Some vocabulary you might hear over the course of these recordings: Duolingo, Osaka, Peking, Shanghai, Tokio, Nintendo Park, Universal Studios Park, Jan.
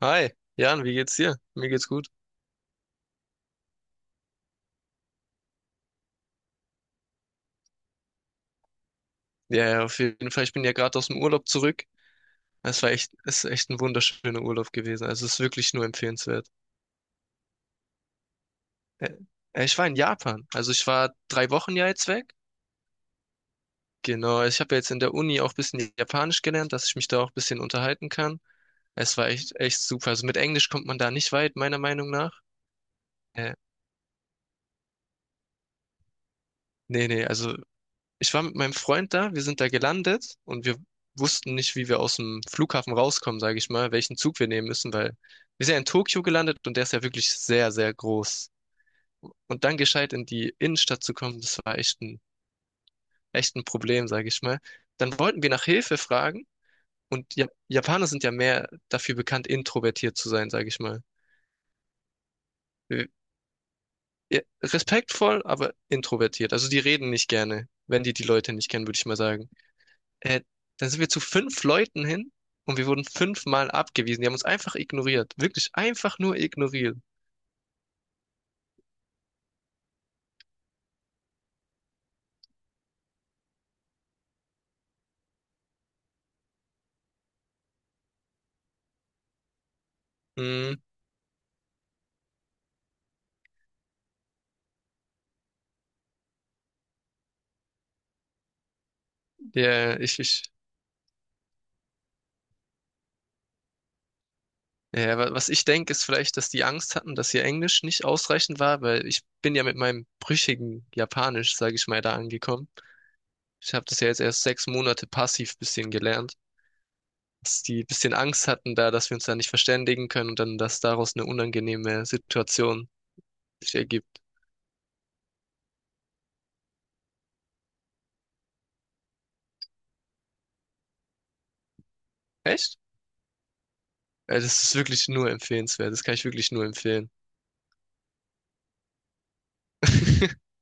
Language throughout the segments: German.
Hi, Jan, wie geht's dir? Mir geht's gut. Ja, ja, auf jeden Fall. Ich bin ja gerade aus dem Urlaub zurück. Es ist echt ein wunderschöner Urlaub gewesen. Also es ist wirklich nur empfehlenswert. Äh, Ich war in Japan. Also ich war 3 Wochen ja jetzt weg. Genau, ich habe ja jetzt in der Uni auch ein bisschen Japanisch gelernt, dass ich mich da auch ein bisschen unterhalten kann. Es war echt, echt super. Also mit Englisch kommt man da nicht weit, meiner Meinung nach. Äh, Nee, nee, also ich war mit meinem Freund da, wir sind da gelandet und wir wussten nicht, wie wir aus dem Flughafen rauskommen, sage ich mal, welchen Zug wir nehmen müssen, weil wir sind ja in Tokio gelandet und der ist ja wirklich sehr, sehr groß. Und dann gescheit in die Innenstadt zu kommen, das war echt ein Problem, sage ich mal. Dann wollten wir nach Hilfe fragen und ja, Japaner sind ja mehr dafür bekannt, introvertiert zu sein, sage ich mal. Äh, ja, respektvoll, aber introvertiert. Also die reden nicht gerne, wenn die die Leute nicht kennen, würde ich mal sagen. Äh, Dann sind wir zu 5 Leuten hin und wir wurden 5-mal abgewiesen. Die haben uns einfach ignoriert. Wirklich einfach nur ignoriert. Hm, ja, was ich denke, ist vielleicht, dass die Angst hatten, dass ihr Englisch nicht ausreichend war, weil ich bin ja mit meinem brüchigen Japanisch, sage ich mal, da angekommen. Ich habe das ja jetzt erst 6 Monate passiv bisschen gelernt. Dass die ein bisschen Angst hatten da, dass wir uns da nicht verständigen können und dann, dass daraus eine unangenehme Situation sich ergibt. Echt? Das ist wirklich nur empfehlenswert. Das kann ich wirklich nur empfehlen.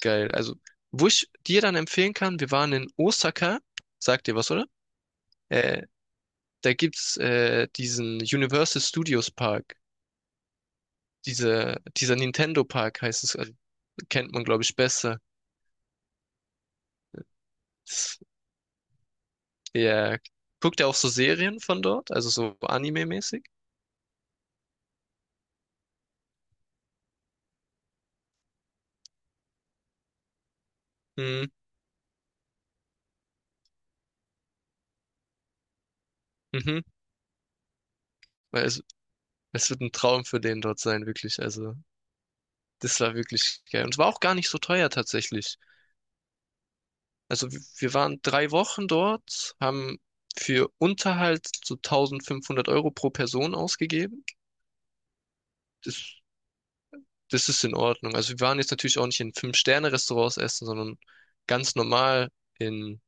Geil. Also, wo ich dir dann empfehlen kann, wir waren in Osaka, sagt dir was, oder? Äh, Da gibt's diesen Universal Studios Park. Dieser Nintendo Park heißt es, also, kennt man, glaube ich, besser. Das, ja. Guckt er auch so Serien von dort, also so Anime-mäßig? Mhm. Mhm. Weil es wird ein Traum für den dort sein, wirklich. Also, das war wirklich geil. Und es war auch gar nicht so teuer tatsächlich. Also wir waren 3 Wochen dort, haben für Unterhalt so 1.500 Euro pro Person ausgegeben. Das, das ist in Ordnung. Also wir waren jetzt natürlich auch nicht in Fünf-Sterne-Restaurants essen, sondern ganz normal in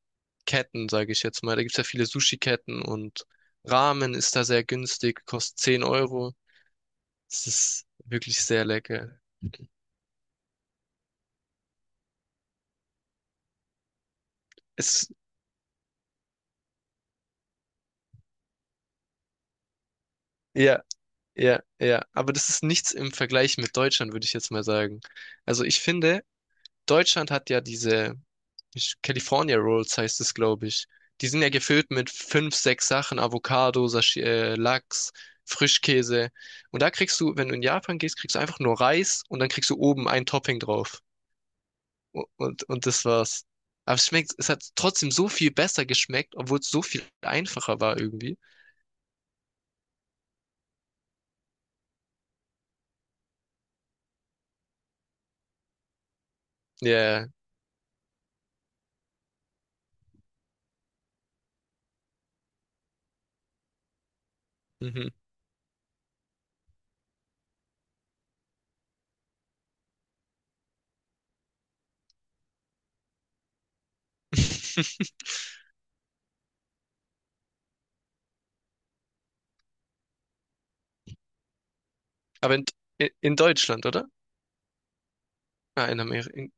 Ketten, sage ich jetzt mal. Da gibt's ja viele Sushi-Ketten und Ramen ist da sehr günstig, kostet 10 Euro. Es ist wirklich sehr lecker. Es, ja, ja, ja. Aber das ist nichts im Vergleich mit Deutschland, würde ich jetzt mal sagen. Also ich finde, Deutschland hat ja diese California Rolls heißt es, glaube ich. Die sind ja gefüllt mit 5, 6 Sachen, Avocado, Sashi Lachs, Frischkäse. Und da kriegst du, wenn du in Japan gehst, kriegst du einfach nur Reis und dann kriegst du oben ein Topping drauf. Und das war's. Aber es hat trotzdem so viel besser geschmeckt, obwohl es so viel einfacher war irgendwie. Ja. Mhm. Aber in Deutschland, oder? Ah, in Amerika.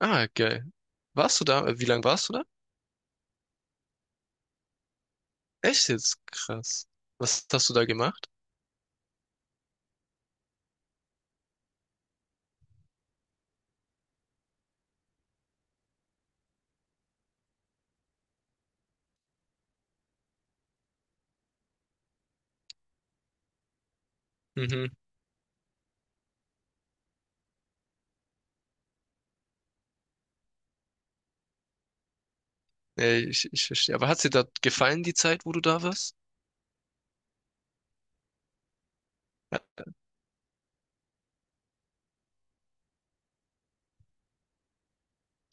Ah, geil. Warst du da? Wie lange warst du da? Echt jetzt? Krass. Was hast du da gemacht? Mhm. Ja, ich verstehe. Aber hat dir da gefallen, die Zeit, wo du da warst? Ja,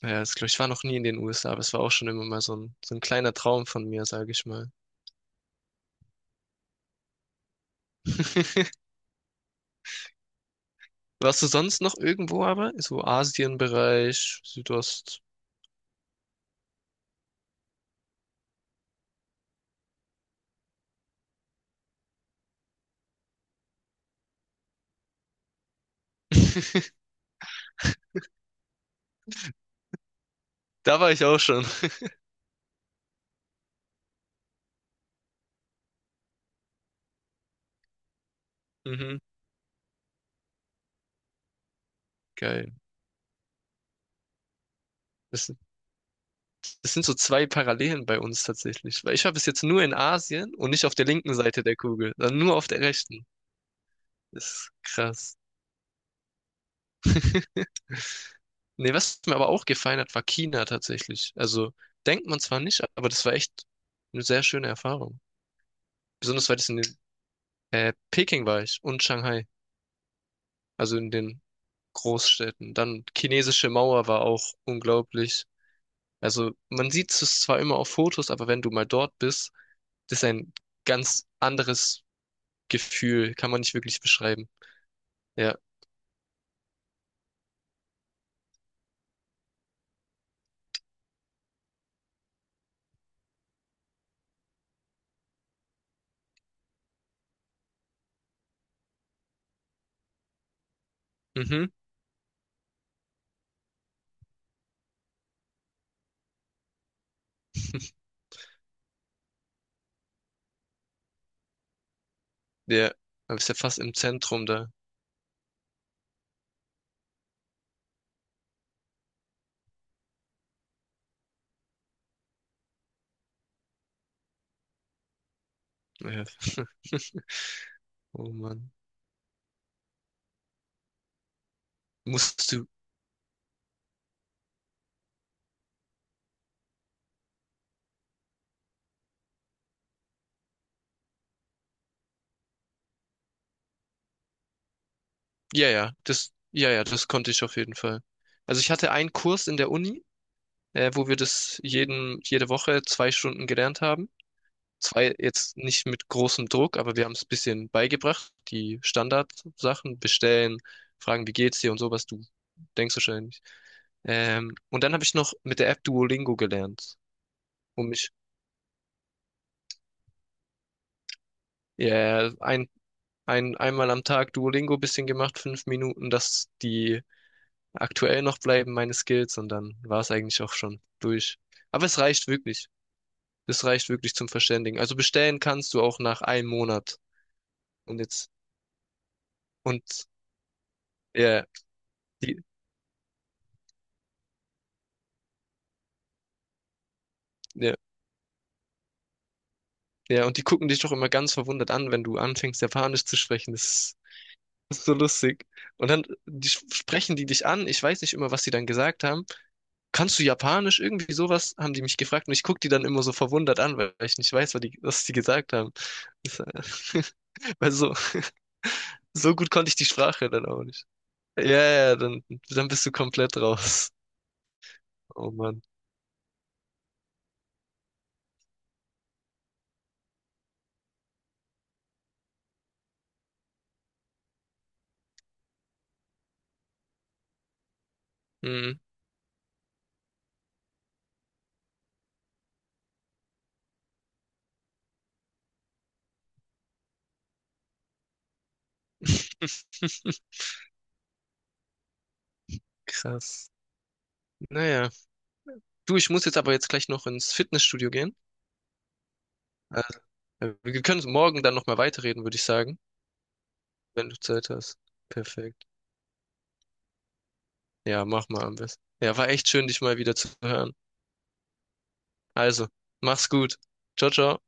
ja, das, glaub ich war noch nie in den USA, aber es war auch schon immer mal so ein kleiner Traum von mir, sage ich mal. Warst du sonst noch irgendwo aber? So Asienbereich, Südost. Da war ich auch schon. Mhm. Geil. Das, sind- das sind so zwei Parallelen bei uns tatsächlich. Weil ich war bis jetzt nur in Asien und nicht auf der linken Seite der Kugel, sondern nur auf der rechten. Das ist krass. Nee, was mir aber auch gefallen hat, war China tatsächlich. Also denkt man zwar nicht, aber das war echt eine sehr schöne Erfahrung. Besonders weil das in den, Peking war ich und Shanghai, also in den Großstädten. Dann Chinesische Mauer war auch unglaublich. Also man sieht es zwar immer auf Fotos, aber wenn du mal dort bist, das ist ein ganz anderes Gefühl, kann man nicht wirklich beschreiben. Ja, mhm, ja, aber ist ja fast im Zentrum da. Ja. Oh Mann. Musst du, ja, ja, das, ja, ja, das konnte ich auf jeden Fall. Also ich hatte einen Kurs in der Uni, wo wir das jede Woche 2 Stunden gelernt haben. Zwei jetzt nicht mit großem Druck, aber wir haben es ein bisschen beigebracht. Die Standardsachen, bestellen, fragen, wie geht's dir und sowas, du denkst wahrscheinlich. Und dann habe ich noch mit der App Duolingo gelernt, um mich, ja, einmal am Tag Duolingo bisschen gemacht, 5 Minuten, dass die aktuell noch bleiben, meine Skills, und dann war es eigentlich auch schon durch. Aber es reicht wirklich. Es reicht wirklich zum Verständigen. Also bestellen kannst du auch nach einem Monat. Und jetzt, und ja, die, ja, ja, und die gucken dich doch immer ganz verwundert an, wenn du anfängst, Japanisch zu sprechen. Das ist so lustig. Und dann sprechen die dich an. Ich weiß nicht immer, was sie dann gesagt haben. Kannst du Japanisch? Irgendwie sowas haben die mich gefragt. Und ich guck die dann immer so verwundert an, weil ich nicht weiß, was die gesagt haben. Das, weil so. So gut konnte ich die Sprache dann auch nicht. Ja, ja, dann bist du komplett raus. Oh Mann. Hm. Krass. Naja. Du, ich muss jetzt aber jetzt gleich noch ins Fitnessstudio gehen. Also, wir können morgen dann nochmal weiterreden, würde ich sagen, wenn du Zeit hast. Perfekt. Ja, mach mal am besten. Ja, war echt schön, dich mal wieder zu hören. Also, mach's gut. Ciao, ciao.